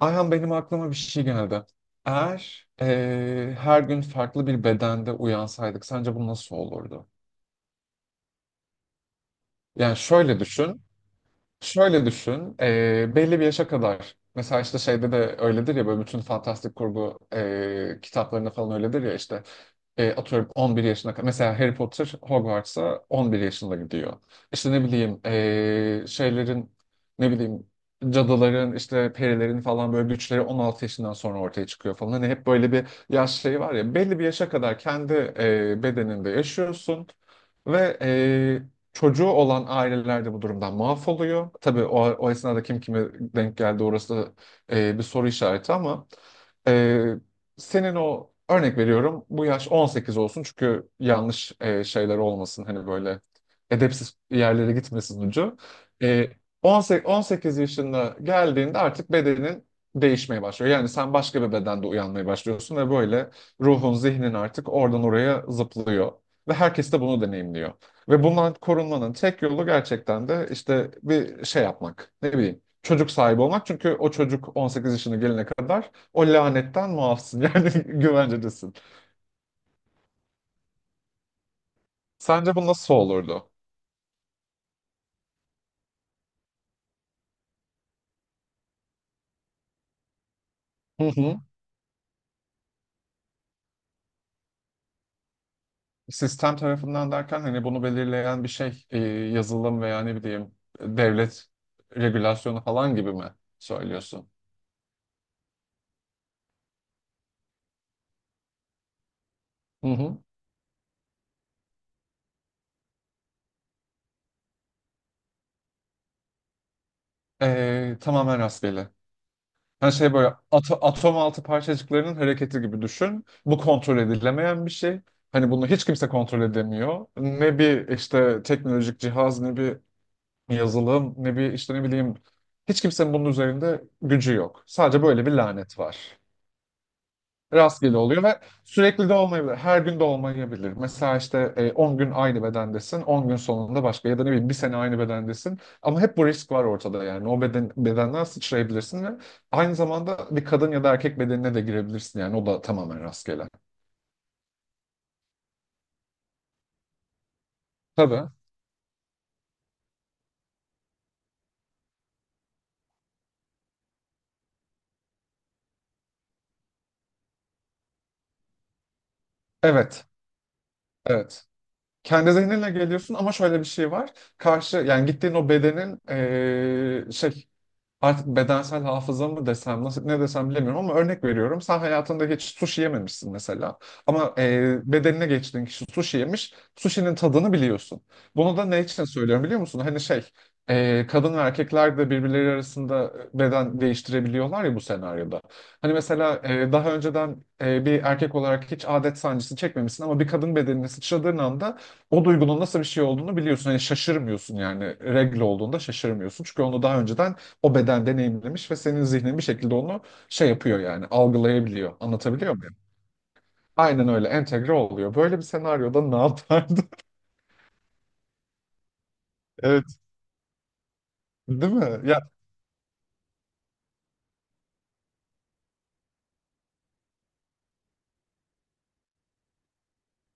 Ayhan, benim aklıma bir şey geldi. Eğer her gün farklı bir bedende uyansaydık, sence bu nasıl olurdu? Yani şöyle düşün. Şöyle düşün, belli bir yaşa kadar. Mesela işte şeyde de öyledir ya, böyle bütün fantastik kurgu kitaplarında falan öyledir ya işte, atıyorum 11 yaşına kadar. Mesela Harry Potter Hogwarts'a 11 yaşında gidiyor. İşte ne bileyim, şeylerin, ne bileyim, cadıların, işte perilerin falan böyle güçleri 16 yaşından sonra ortaya çıkıyor falan. Hani hep böyle bir yaş şeyi var ya, belli bir yaşa kadar kendi bedeninde yaşıyorsun. Ve Çocuğu olan aileler de bu durumdan mahvoluyor. Tabii o esnada kim kime denk geldi, orası da bir soru işareti, ama e, senin, o örnek veriyorum, bu yaş 18 olsun çünkü yanlış şeyler olmasın, hani böyle edepsiz yerlere gitmesin ucu. E, 18, 18 yaşında geldiğinde artık bedenin değişmeye başlıyor. Yani sen başka bir bedende uyanmaya başlıyorsun ve böyle ruhun, zihnin artık oradan oraya zıplıyor ve herkes de bunu deneyimliyor. Ve bundan korunmanın tek yolu gerçekten de işte bir şey yapmak. Ne bileyim, çocuk sahibi olmak. Çünkü o çocuk 18 yaşına gelene kadar o lanetten muafsın. Yani güvencedesin. Sence bu nasıl olurdu? Hı hı. Sistem tarafından derken, hani bunu belirleyen bir şey, yazılım veya ne bileyim devlet regülasyonu falan gibi mi söylüyorsun? Hı hı. Tamamen rastgele. Hani şey, böyle atom altı parçacıklarının hareketi gibi düşün. Bu kontrol edilemeyen bir şey. Hani bunu hiç kimse kontrol edemiyor. Ne bir işte teknolojik cihaz, ne bir yazılım, ne bir işte, ne bileyim, hiç kimsenin bunun üzerinde gücü yok. Sadece böyle bir lanet var. Rastgele oluyor ve sürekli de olmayabilir. Her gün de olmayabilir. Mesela işte 10 gün aynı bedendesin, 10 gün sonunda başka, ya da ne bileyim bir sene aynı bedendesin. Ama hep bu risk var ortada yani. Bedenden sıçrayabilirsin ve aynı zamanda bir kadın ya da erkek bedenine de girebilirsin yani. O da tamamen rastgele. Tabii. Evet. Evet. Kendi zihninle geliyorsun, ama şöyle bir şey var. Karşı yani gittiğin o bedenin şey, artık bedensel hafıza mı desem, nasıl ne desem bilemiyorum, ama örnek veriyorum. Sen hayatında hiç sushi yememişsin mesela, ama bedenine geçtiğin kişi sushi yemiş. Sushi'nin tadını biliyorsun. Bunu da ne için söylüyorum biliyor musun? Hani şey, kadın ve erkekler de birbirleri arasında beden değiştirebiliyorlar ya bu senaryoda. Hani mesela daha önceden bir erkek olarak hiç adet sancısı çekmemişsin, ama bir kadın bedenine sıçradığın anda o duygunun nasıl bir şey olduğunu biliyorsun. Hani şaşırmıyorsun yani, regle olduğunda şaşırmıyorsun. Çünkü onu daha önceden o beden deneyimlemiş ve senin zihnin bir şekilde onu şey yapıyor, yani algılayabiliyor. Anlatabiliyor muyum? Aynen öyle entegre oluyor. Böyle bir senaryoda ne yapardın? Evet, değil mi? Ya,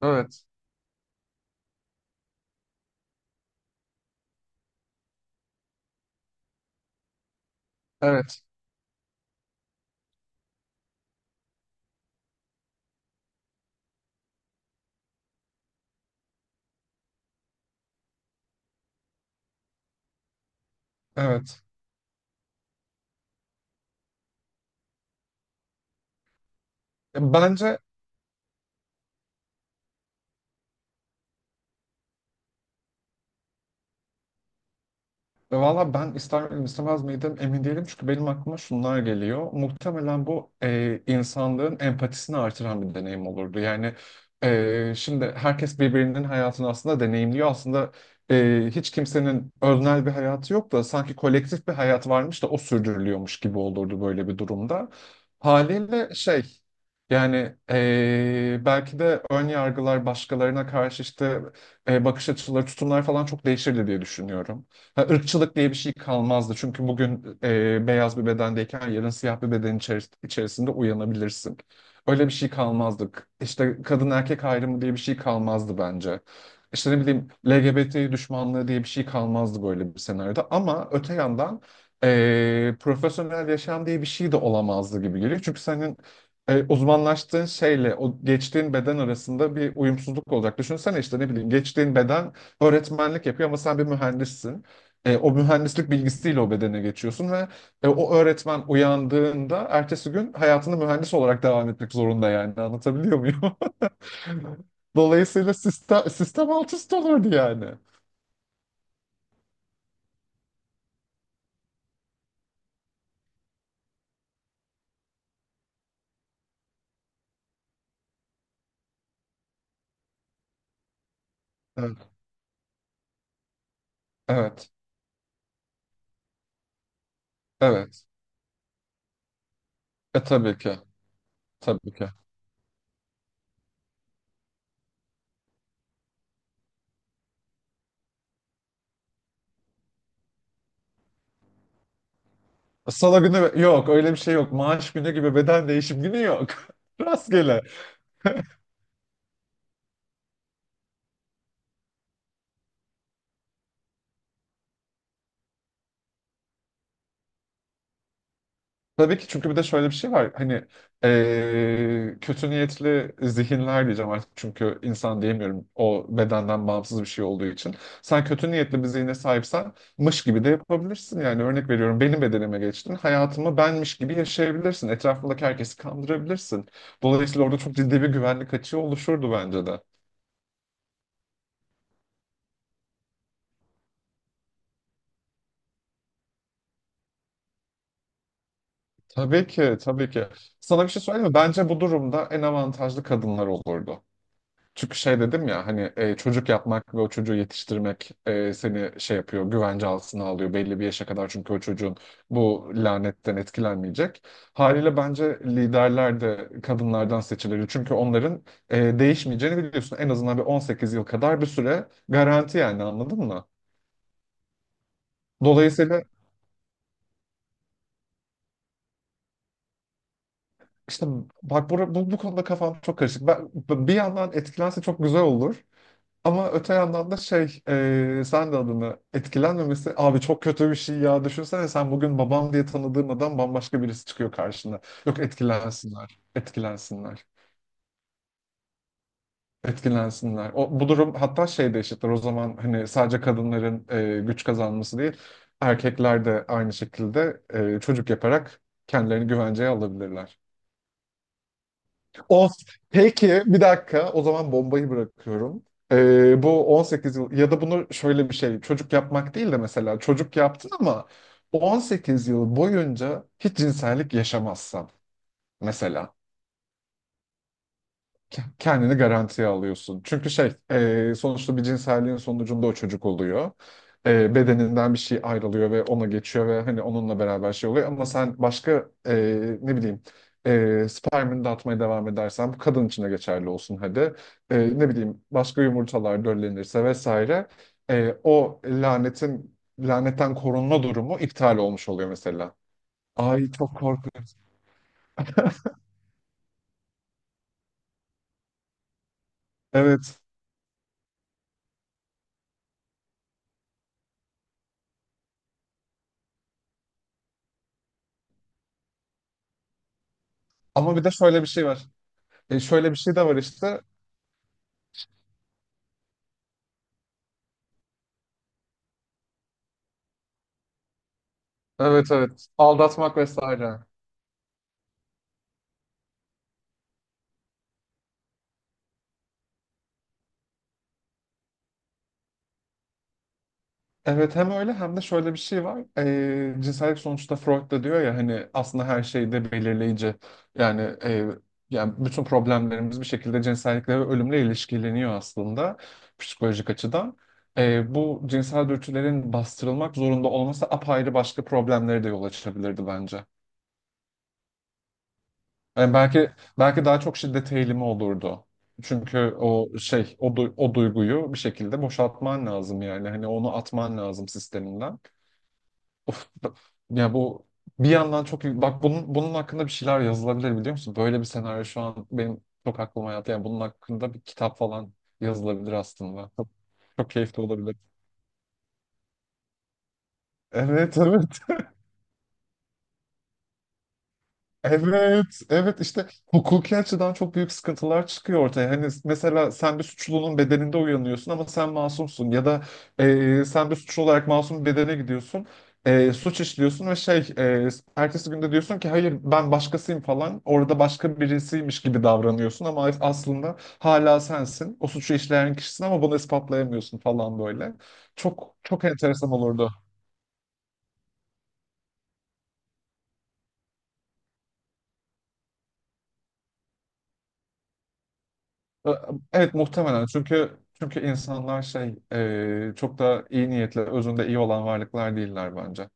evet, evet, evet. E, Bence Ve Valla, ben ister miydim istemez miydim emin değilim, çünkü benim aklıma şunlar geliyor. Muhtemelen bu, insanlığın empatisini artıran bir deneyim olurdu. Yani şimdi herkes birbirinin hayatını aslında deneyimliyor. Aslında hiç kimsenin öznel bir hayatı yok da, sanki kolektif bir hayat varmış da o sürdürülüyormuş gibi olurdu böyle bir durumda. Haliyle şey, yani belki de ön yargılar, başkalarına karşı işte bakış açıları, tutumlar falan çok değişirdi diye düşünüyorum. Ha, ırkçılık diye bir şey kalmazdı. Çünkü bugün beyaz bir bedendeyken yarın siyah bir beden içerisinde uyanabilirsin. Öyle bir şey kalmazdı. İşte kadın erkek ayrımı diye bir şey kalmazdı bence. İşte ne bileyim, LGBT düşmanlığı diye bir şey kalmazdı böyle bir senaryoda. Ama öte yandan profesyonel yaşam diye bir şey de olamazdı gibi geliyor. Çünkü senin uzmanlaştığın şeyle o geçtiğin beden arasında bir uyumsuzluk olacak. Düşünsene, işte ne bileyim, geçtiğin beden öğretmenlik yapıyor ama sen bir mühendissin. O mühendislik bilgisiyle o bedene geçiyorsun ve o öğretmen uyandığında ertesi gün hayatını mühendis olarak devam etmek zorunda yani. Anlatabiliyor muyum? Dolayısıyla sistem alt üst olurdu yani. Evet. Evet. Evet. Tabii ki. Tabii ki. Salı günü yok, öyle bir şey yok. Maaş günü gibi beden değişim günü yok. Rastgele. Tabii ki, çünkü bir de şöyle bir şey var. Hani, kötü niyetli zihinler diyeceğim artık. Çünkü insan diyemiyorum, o bedenden bağımsız bir şey olduğu için. Sen kötü niyetli bir zihne sahipsen, mış gibi de yapabilirsin. Yani örnek veriyorum, benim bedenime geçtin. Hayatımı benmiş gibi yaşayabilirsin. Etrafındaki herkesi kandırabilirsin. Dolayısıyla orada çok ciddi bir güvenlik açığı oluşurdu bence de. Tabii ki, tabii ki. Sana bir şey söyleyeyim mi? Bence bu durumda en avantajlı kadınlar olurdu. Çünkü şey, dedim ya hani çocuk yapmak ve o çocuğu yetiştirmek seni şey yapıyor, güvence altına alıyor belli bir yaşa kadar, çünkü o çocuğun bu lanetten etkilenmeyecek. Haliyle bence liderler de kadınlardan seçilir. Çünkü onların değişmeyeceğini biliyorsun. En azından bir 18 yıl kadar bir süre garanti yani, anladın mı? Dolayısıyla işte, bak bu konuda kafam çok karışık. Ben, bir yandan etkilense çok güzel olur. Ama öte yandan da sen de adını etkilenmemesi, abi çok kötü bir şey ya, düşünsene, sen bugün babam diye tanıdığın adam bambaşka birisi çıkıyor karşına. Yok, etkilensinler, etkilensinler, etkilensinler. Bu durum hatta şey de eşittir o zaman, hani sadece kadınların güç kazanması değil, erkekler de aynı şekilde çocuk yaparak kendilerini güvenceye alabilirler. Of. Peki bir dakika, o zaman bombayı bırakıyorum. Bu 18 yıl ya da bunu şöyle bir şey, çocuk yapmak değil de mesela çocuk yaptın ama 18 yıl boyunca hiç cinsellik yaşamazsan, mesela kendini garantiye alıyorsun. Çünkü şey, sonuçta bir cinselliğin sonucunda o çocuk oluyor. Bedeninden bir şey ayrılıyor ve ona geçiyor ve hani onunla beraber şey oluyor. Ama sen başka, ne bileyim, spermini dağıtmaya devam edersen, bu kadın için de geçerli olsun hadi. Ne bileyim, başka yumurtalar döllenirse vesaire, o lanetten korunma durumu iptal olmuş oluyor mesela. Ay, çok korkunç. Evet. Ama bir de şöyle bir şey var. Şöyle bir şey de var işte. Evet, evet. Aldatmak vesaire. Evet, hem öyle hem de şöyle bir şey var. Cinsellik, sonuçta Freud da diyor ya hani, aslında her şey de belirleyici. Yani e, yani bütün problemlerimiz bir şekilde cinsellikle ve ölümle ilişkileniyor aslında, psikolojik açıdan. Bu cinsel dürtülerin bastırılmak zorunda olması, apayrı başka problemlere de yol açabilirdi bence. Yani belki, daha çok şiddet eğilimi olurdu. Çünkü o şey o, du- o duyguyu bir şekilde boşaltman lazım yani. Hani onu atman lazım sisteminden. Of, ya bu bir yandan bak, bunun hakkında bir şeyler yazılabilir biliyor musun? Böyle bir senaryo şu an benim çok aklıma yattı. Yani bunun hakkında bir kitap falan yazılabilir aslında. Çok, çok keyifli olabilir. Evet, evet. Evet, evet, işte hukuki açıdan çok büyük sıkıntılar çıkıyor ortaya. Hani mesela sen bir suçlunun bedeninde uyanıyorsun ama sen masumsun, ya da sen bir suçlu olarak masum bir bedene gidiyorsun. Suç işliyorsun ve ertesi günde diyorsun ki hayır ben başkasıyım falan. Orada başka birisiymiş gibi davranıyorsun ama aslında hala sensin. O suçu işleyen kişisin ama bunu ispatlayamıyorsun falan, böyle. Çok çok enteresan olurdu. Evet muhtemelen, çünkü insanlar şey, çok da iyi niyetli, özünde iyi olan varlıklar değiller bence.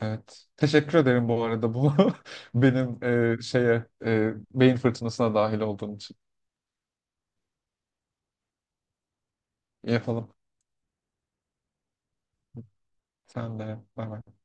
Evet. Teşekkür ederim bu arada, benim şeye beyin fırtınasına dahil olduğun için. İyi, yapalım. Sen de. Bay bay.